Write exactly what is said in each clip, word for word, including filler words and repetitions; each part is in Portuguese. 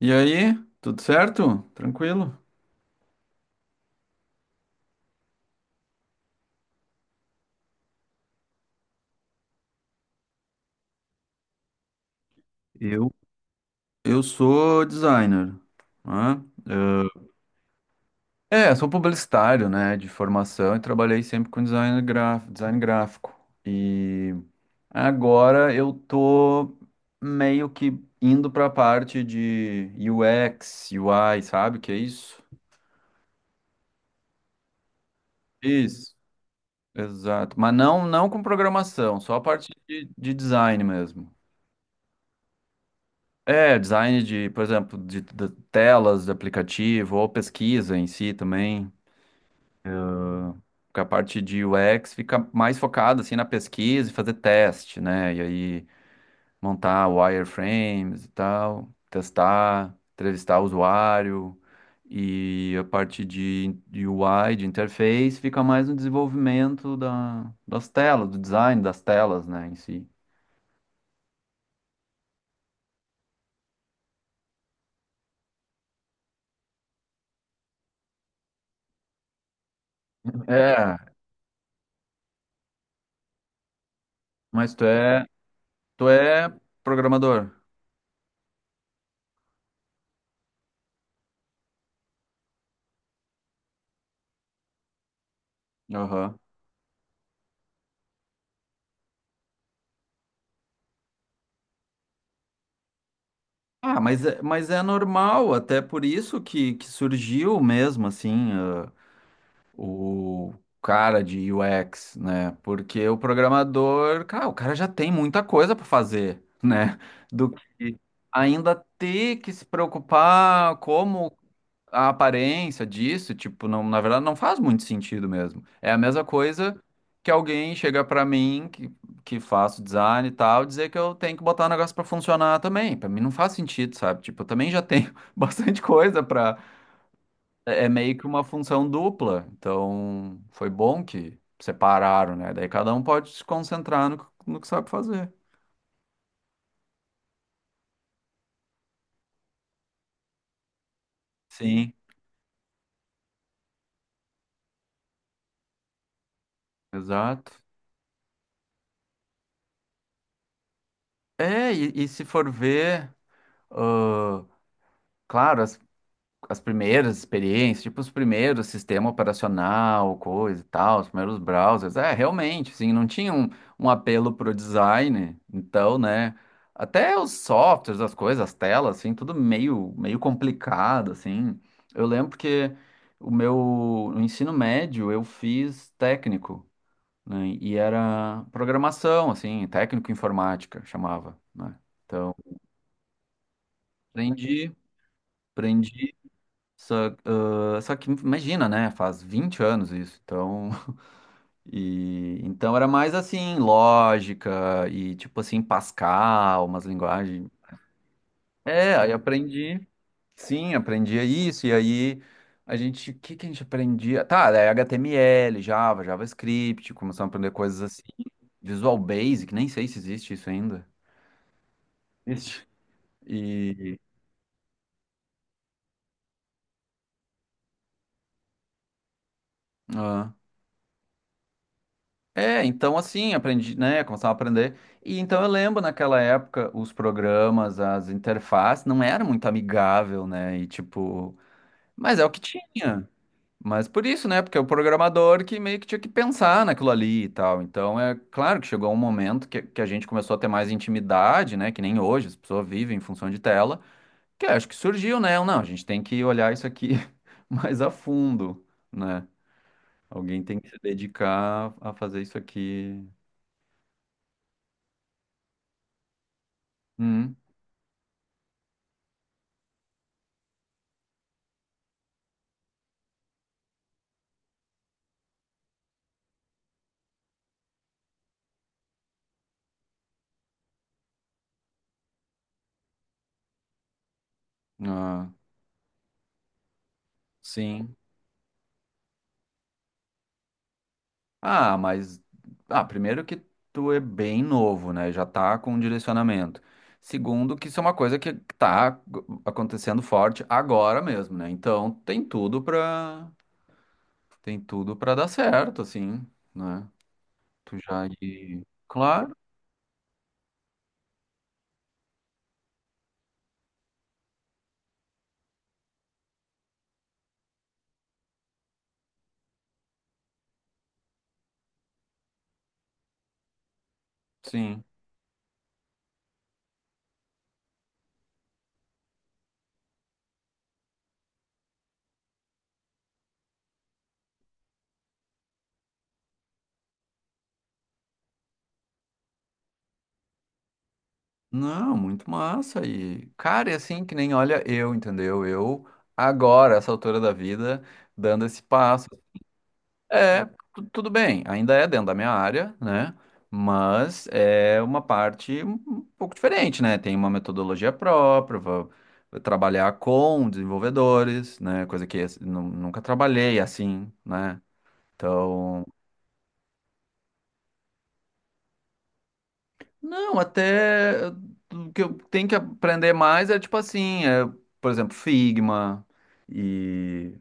E aí, tudo certo? Tranquilo? Eu, eu sou designer, né? É, sou publicitário, né, de formação e trabalhei sempre com design gráfico, design gráfico. E agora eu tô meio que indo para a parte de U X, U I, sabe o que é isso? Isso, exato. Mas não, não com programação, só a parte de, de design mesmo. É, design de, por exemplo, de, de telas de aplicativo ou pesquisa em si também. Porque a parte de U X fica mais focada assim na pesquisa e fazer teste, né? E aí montar wireframes e tal, testar, entrevistar o usuário. E a parte de, de U I, de interface, fica mais no desenvolvimento da, das telas, do design das telas, né, em si. É, mas tu é, tu é programador. Aham. Ah, mas, é- mas é normal, até por isso que, que surgiu mesmo, assim, ah, o cara de U X, né? Porque o programador, cara, o cara já tem muita coisa para fazer, né? Do que ainda ter que se preocupar como a aparência disso, tipo, não, na verdade não faz muito sentido mesmo. É a mesma coisa que alguém chega pra mim que, que faço design e tal, dizer que eu tenho que botar o negócio pra funcionar também. Pra mim não faz sentido, sabe? Tipo, eu também já tenho bastante coisa pra. É é meio que uma função dupla. Então, foi bom que separaram, né? Daí cada um pode se concentrar no, que- no que sabe fazer. Sim, exato. É, e, e se for ver, ah, claro, as primeiras experiências, tipo os primeiros sistema operacional, coisa e tal, os primeiros browsers. É, realmente, assim, não tinha um, um apelo pro design. Então, né, até os softwares, as coisas, as telas, assim, tudo meio, meio complicado, assim. Eu lembro que o meu no ensino médio eu fiz técnico, né, e era programação, assim, técnico informática, chamava, né? Então, aprendi, aprendi Só, ah, só que imagina, né? Faz vinte anos isso, então. E então era mais assim, lógica e tipo assim, Pascal, umas linguagens. É, aí aprendi. Sim, aprendia isso, e aí a gente, o que que a gente aprendia? Tá, daí H T M L, Java, JavaScript, começamos a aprender coisas assim, Visual Basic, nem sei se existe isso ainda. Existe. E, É, então assim, aprendi, né, começava a aprender. E então eu lembro naquela época os programas, as interfaces não era muito amigável, né? E tipo, mas é o que tinha. Mas por isso, né? Porque é o programador que meio que tinha que pensar naquilo ali e tal. Então é claro que chegou um momento que, que a gente começou a ter mais intimidade, né? Que nem hoje, as pessoas vivem em função de tela. Que acho que surgiu, né? Não, a gente tem que olhar isso aqui mais a fundo, né? Alguém tem que se dedicar a fazer isso aqui. Hum. Ah, sim. Ah, mas ah, primeiro que tu é bem novo, né? Já tá com um direcionamento. Segundo, que isso é uma coisa que tá acontecendo forte agora mesmo, né? Então tem tudo pra tem tudo para dar certo, assim, né? Tu já ir. Claro, sim. Não, muito massa. E, cara, é assim que nem olha eu, entendeu? Eu agora, essa altura da vida, dando esse passo. É, tu- tudo bem, ainda é dentro da minha área, né? Mas é uma parte um um pouco diferente, né? Tem uma metodologia própria, vou trabalhar com desenvolvedores, né? Coisa que assim, nu- nunca trabalhei assim, né? Então, não, até eh, o que eu tenho que aprender mais é tipo assim, é, por exemplo, Figma e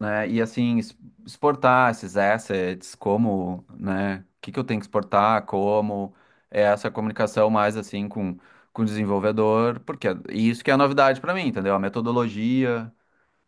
né? E assim, es- exportar esses assets, como, né? O que que eu tenho que exportar, como, é essa comunicação mais assim com, com o desenvolvedor, porque é- e isso que é a novidade para mim, entendeu? A metodologia,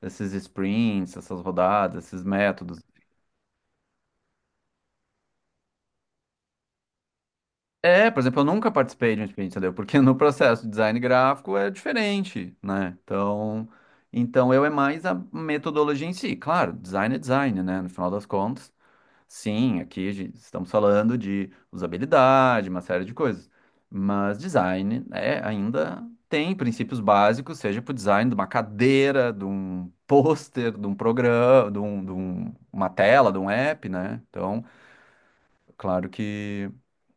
esses sprints, essas rodadas, esses métodos. É, por exemplo, eu nunca participei de um sprint, entendeu? Porque no processo de design gráfico é diferente, né? Então, então, eu é mais a metodologia em si. Claro, design é design, né? No final das contas. Sim, aqui a gente- estamos falando de usabilidade, uma série de coisas. Mas design é, ainda tem princípios básicos, seja para o design de uma cadeira, de um pôster, de um programa, de, um- de um- uma tela, de um app, né? Então, claro que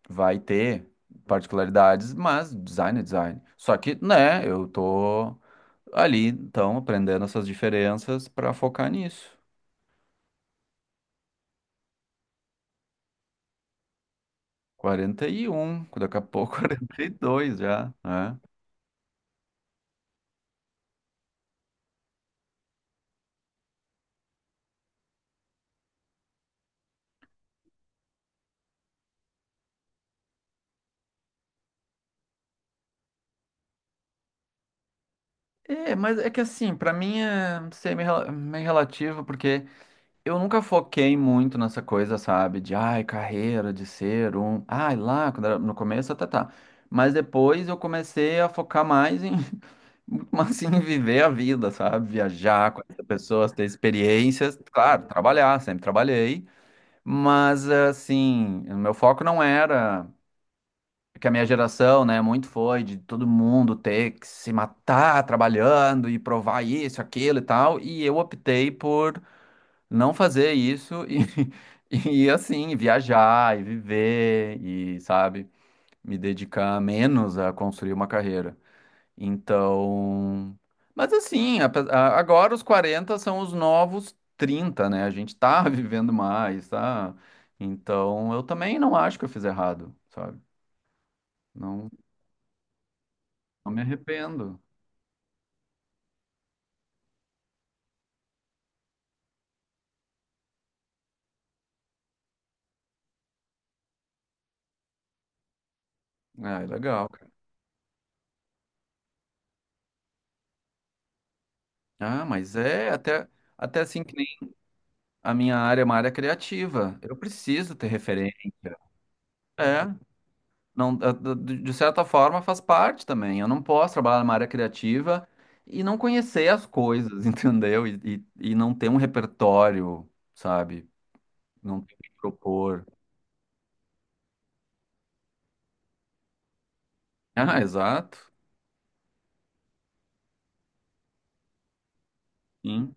vai ter particularidades, mas design é design. Só que, né, eu tô ali, então, aprendendo essas diferenças para focar nisso. quarenta e um, daqui a pouco quarenta e dois já, né? É, mas é que assim, pra mim é, não sei, meio, rela- meio relativo, porque eu nunca foquei muito nessa coisa, sabe? De, ai, carreira, de ser um... Ai, lá, quando era no começo, tá, tá. tá". Mas depois eu comecei a focar mais em, muito mais assim, em viver a vida, sabe? Viajar, conhecer pessoas, ter experiências. Claro, trabalhar, sempre trabalhei. Mas, assim, o meu foco não era que a minha geração, né, muito foi de todo mundo ter que se matar trabalhando e provar isso, aquilo e tal, e eu optei por não fazer isso e, e assim, viajar e viver e, sabe, me dedicar menos a construir uma carreira. Então, mas assim, ape- a- agora os quarenta são os novos trinta, né? A gente tá vivendo mais, tá? Então, eu também não acho que eu fiz errado, sabe? Não me arrependo. Ah, é legal, cara. Ah, mas é até, até assim que nem a minha área é uma área criativa. Eu preciso ter referência. É, não, eh, de de de certa forma faz parte também. Eu não posso trabalhar numa área criativa e não conhecer as coisas, entendeu? E, e, e não ter um repertório, sabe? Não ter o que propor. Ah, exato. Sim.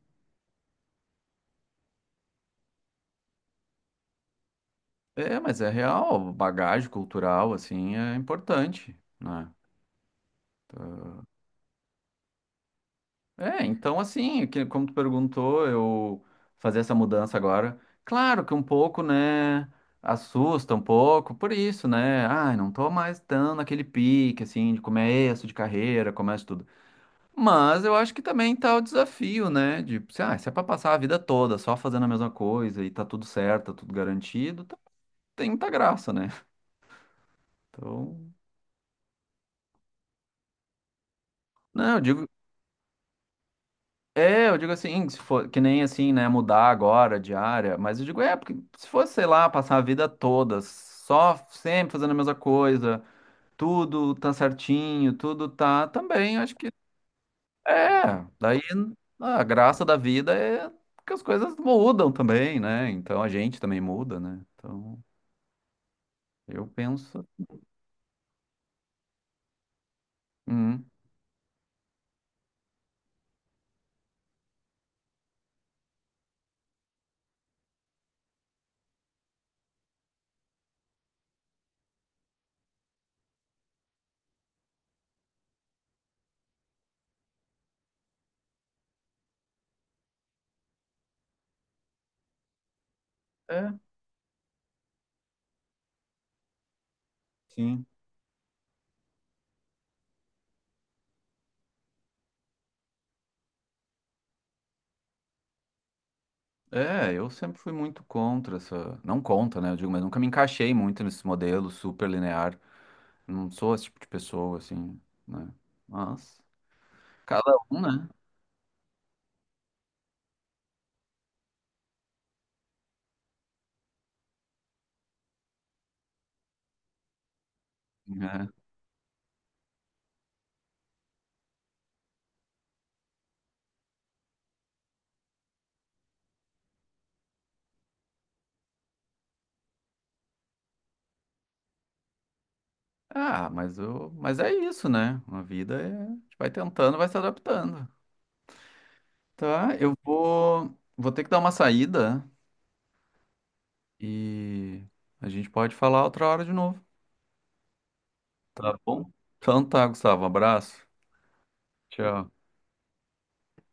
É, mas é real. Bagagem cultural, assim, é importante, né? É, então assim, que- como tu perguntou, eu fazer essa mudança agora, claro que um pouco, né, assusta um pouco, por isso, né, ai, não tô mais tão naquele pique, assim, de começo de carreira, começo tudo. Mas eu acho que também tá o desafio, né, de, se, ah, se é pra passar a vida toda só fazendo a mesma coisa e tá tudo certo, tá tudo garantido, tá- tem muita graça, né? Então, não, eu digo É, eu digo assim, se for, que nem assim, né, mudar agora de área, mas eu digo, é, porque se fosse, sei lá, passar a vida toda só sempre fazendo a mesma coisa, tudo tá certinho, tudo tá também, acho que é, daí a graça da vida é que as coisas mudam também, né? Então a gente também muda, né? Então eu penso, hum, é, sim. É, eu sempre fui muito contra essa, não contra, né? Eu digo, mas nunca me encaixei muito nesse modelo super linear. Não sou esse tipo de pessoa, assim, né? Mas cada um, né? É. Ah, mas, eu, mas é isso, né? A vida é, a gente vai tentando, vai se adaptando. Tá, eu vou, vou ter que dar uma saída e a gente pode falar outra hora de novo. Tá bom? Então tá, Gustavo, um abraço. Tchau.